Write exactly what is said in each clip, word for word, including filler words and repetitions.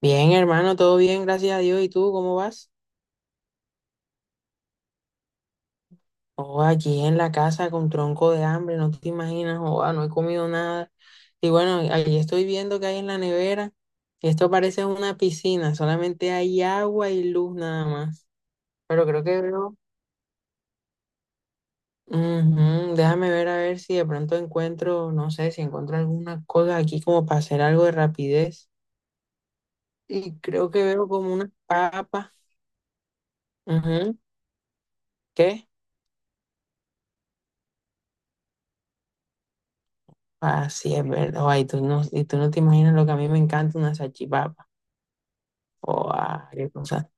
Bien, hermano, todo bien, gracias a Dios. ¿Y tú cómo vas? Oh, aquí en la casa con tronco de hambre, no te imaginas. oh, ah, no he comido nada. Y bueno, ahí estoy viendo que hay en la nevera. Esto parece una piscina, solamente hay agua y luz nada más. Pero creo que veo. Ujú. Déjame ver a ver si de pronto encuentro, no sé, si encuentro alguna cosa aquí como para hacer algo de rapidez. Y creo que veo como unas papas. Ujú. ¿Qué? Así es, verdad. Ay, tú no, y tú no te imaginas lo que a mí me encanta una salchipapa. O qué cosa.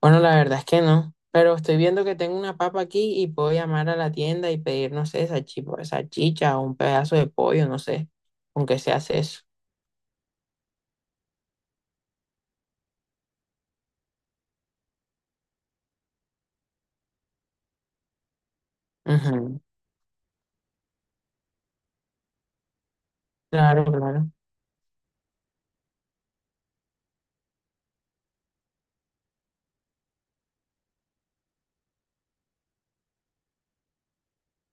Bueno, la verdad es que no. Pero estoy viendo que tengo una papa aquí y puedo llamar a la tienda y pedir, no sé, salchipa- salchicha o un pedazo de pollo, no sé, aunque se hace eso. Ujú. Claro, claro.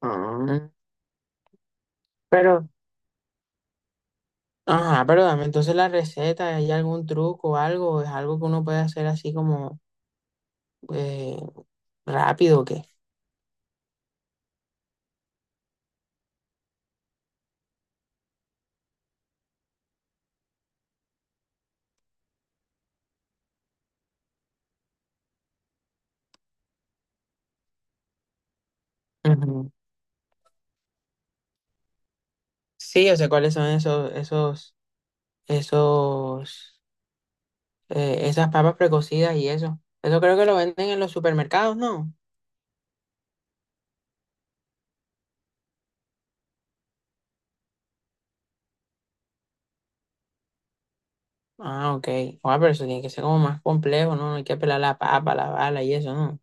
Ah, pero, ajá, pero dame entonces la receta. ¿Hay algún truco o algo? ¿Es algo que uno puede hacer así como eh, rápido o qué? Ujú. Sí, yo sé cuáles son esos, esos esos, eh, esas papas precocidas y eso. Eso creo que lo venden en los supermercados, ¿no? Ah, ok. Ah, pero eso tiene que ser como más complejo, ¿no? Hay que pelar la papa, la bala y eso, ¿no?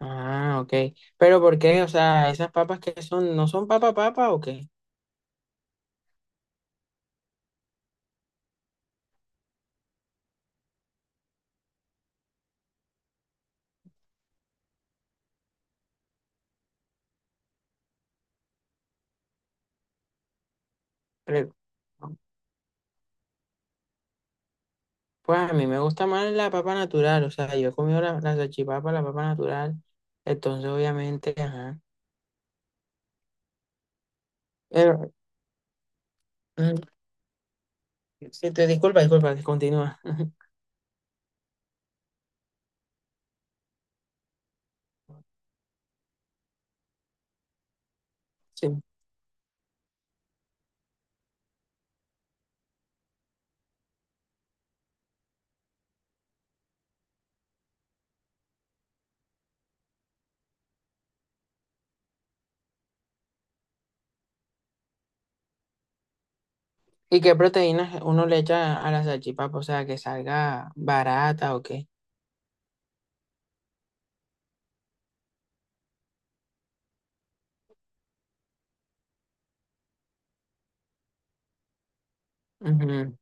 Ah, ok. Pero ¿por qué? O sea, esas papas, que son, ¿no son papa papa o qué? Pero, pues a mí me gusta más la papa natural. O sea, yo he comido la, la salchipapa, la papa natural, entonces obviamente, ajá. Pero, mm, sí, te- disculpa, disculpa, continúa. Sí. ¿Y qué proteínas uno le echa a la salchipapa? O sea, que salga barata o qué. Ujú,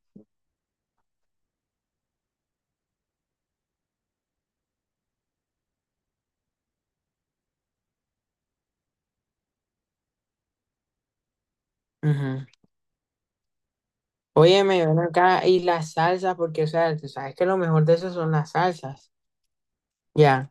ujú. Óyeme, ven acá, y las salsas, porque, o sea, tú sabes que lo mejor de eso son las salsas. Ya.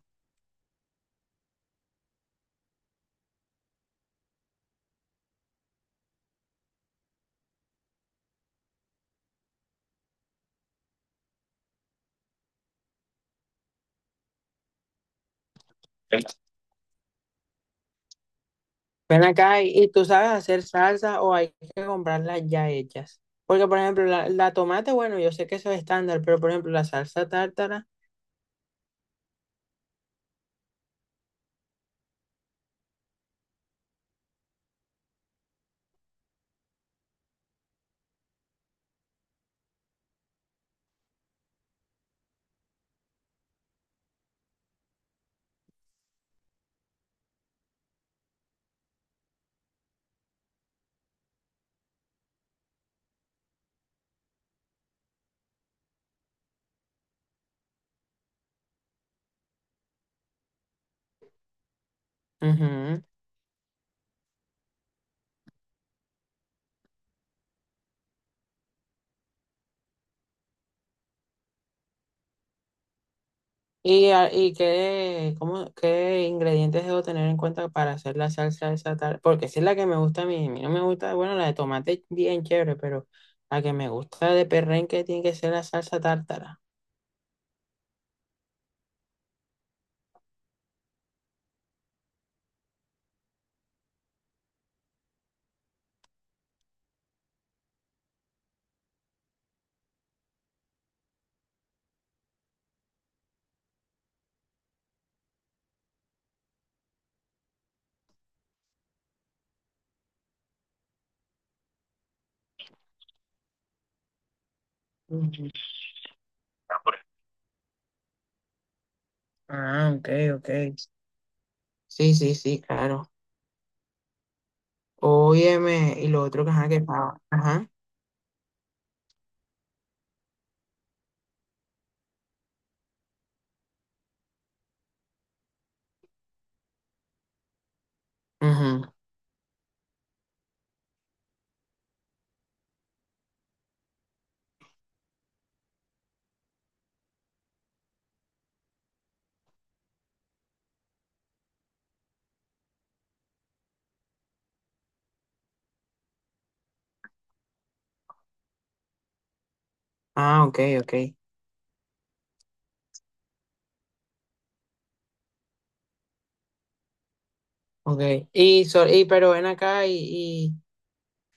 Ven acá, y, ¿y tú sabes hacer salsa o hay que comprarlas ya hechas? Porque, por ejemplo, la, la tomate, bueno, yo sé que eso es estándar, pero, por ejemplo, la salsa tártara. Ujú. ¿Y, a- y qué, cómo, qué ingredientes debo tener en cuenta para hacer la salsa esa, tal? Porque esa es la que me gusta a mí. A mí no me gusta, bueno, la de tomate bien chévere, pero la que me gusta de perrenque tiene que ser la salsa tártara. Ujú. Ah, ok, ok. Sí, sí, sí, claro. Óyeme, y lo otro que ajá, que estaba. Ajá. Ujú. Ah, ok, ok. Ok. Y, so- y pero ven acá, y, y,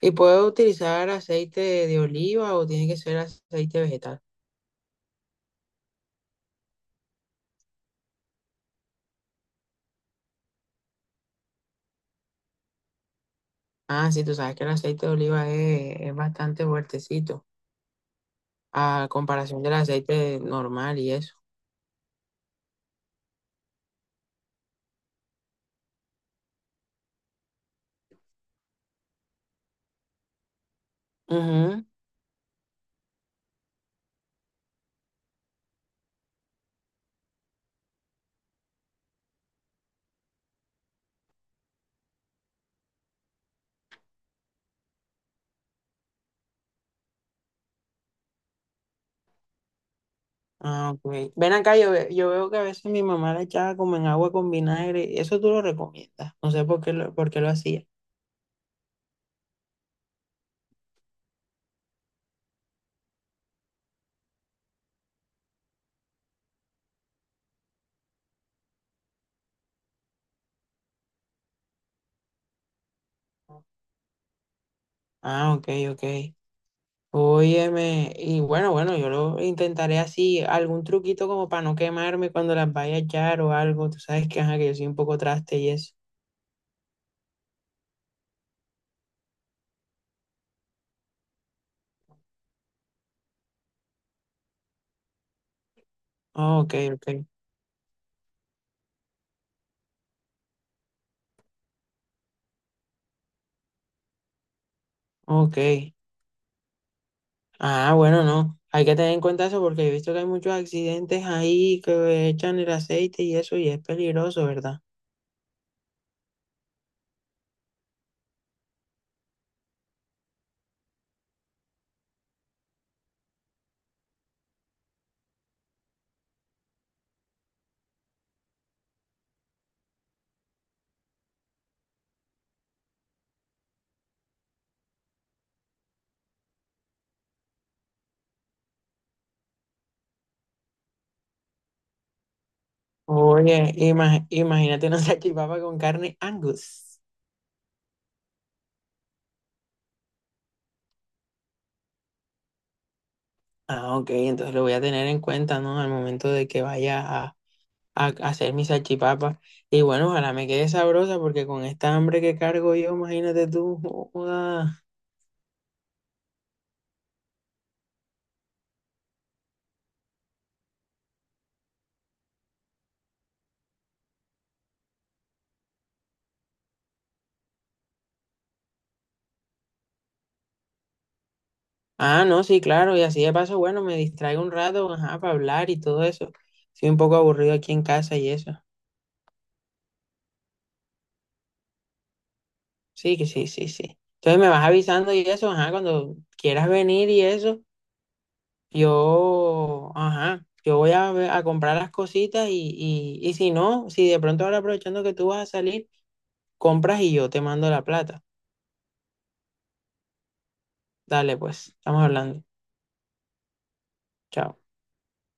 y ¿puedo utilizar aceite de oliva o tiene que ser aceite vegetal? Ah, sí, tú sabes que el aceite de oliva es, es bastante fuertecito a comparación del aceite normal y eso. Ujú. Ah, ok. Ven acá, yo, ve- yo veo que a veces mi mamá la echaba como en agua con vinagre. ¿Eso tú lo recomiendas? No sé por qué lo, por qué lo hacía. Ah, ok, ok. Óyeme, y bueno, bueno, yo lo intentaré así, algún truquito como para no quemarme cuando las vaya a echar o algo. Tú sabes que, ajá, que yo soy un poco traste y eso. Ah, ok, ok, ok. Ah, bueno, no. Hay que tener en cuenta eso porque he visto que hay muchos accidentes ahí que echan el aceite y eso y es peligroso, ¿verdad? Oye, ima- imagínate una salchipapa con carne Angus. Ah, ok, entonces lo voy a tener en cuenta, ¿no? Al momento de que vaya a, a hacer mi salchipapa. Y bueno, ojalá me quede sabrosa porque con esta hambre que cargo yo, imagínate tú. Joda. Ah, no, sí, claro. Y así de paso, bueno, me distraigo un rato, ajá, para hablar y todo eso. Estoy un poco aburrido aquí en casa y eso. Sí, que sí, sí, sí. Entonces me vas avisando y eso, ajá, cuando quieras venir y eso, yo, ajá, yo voy a, ve- a comprar las cositas y, y, y si no, si de pronto ahora aprovechando que tú vas a salir, compras y yo te mando la plata. Dale, pues, estamos hablando. Chao.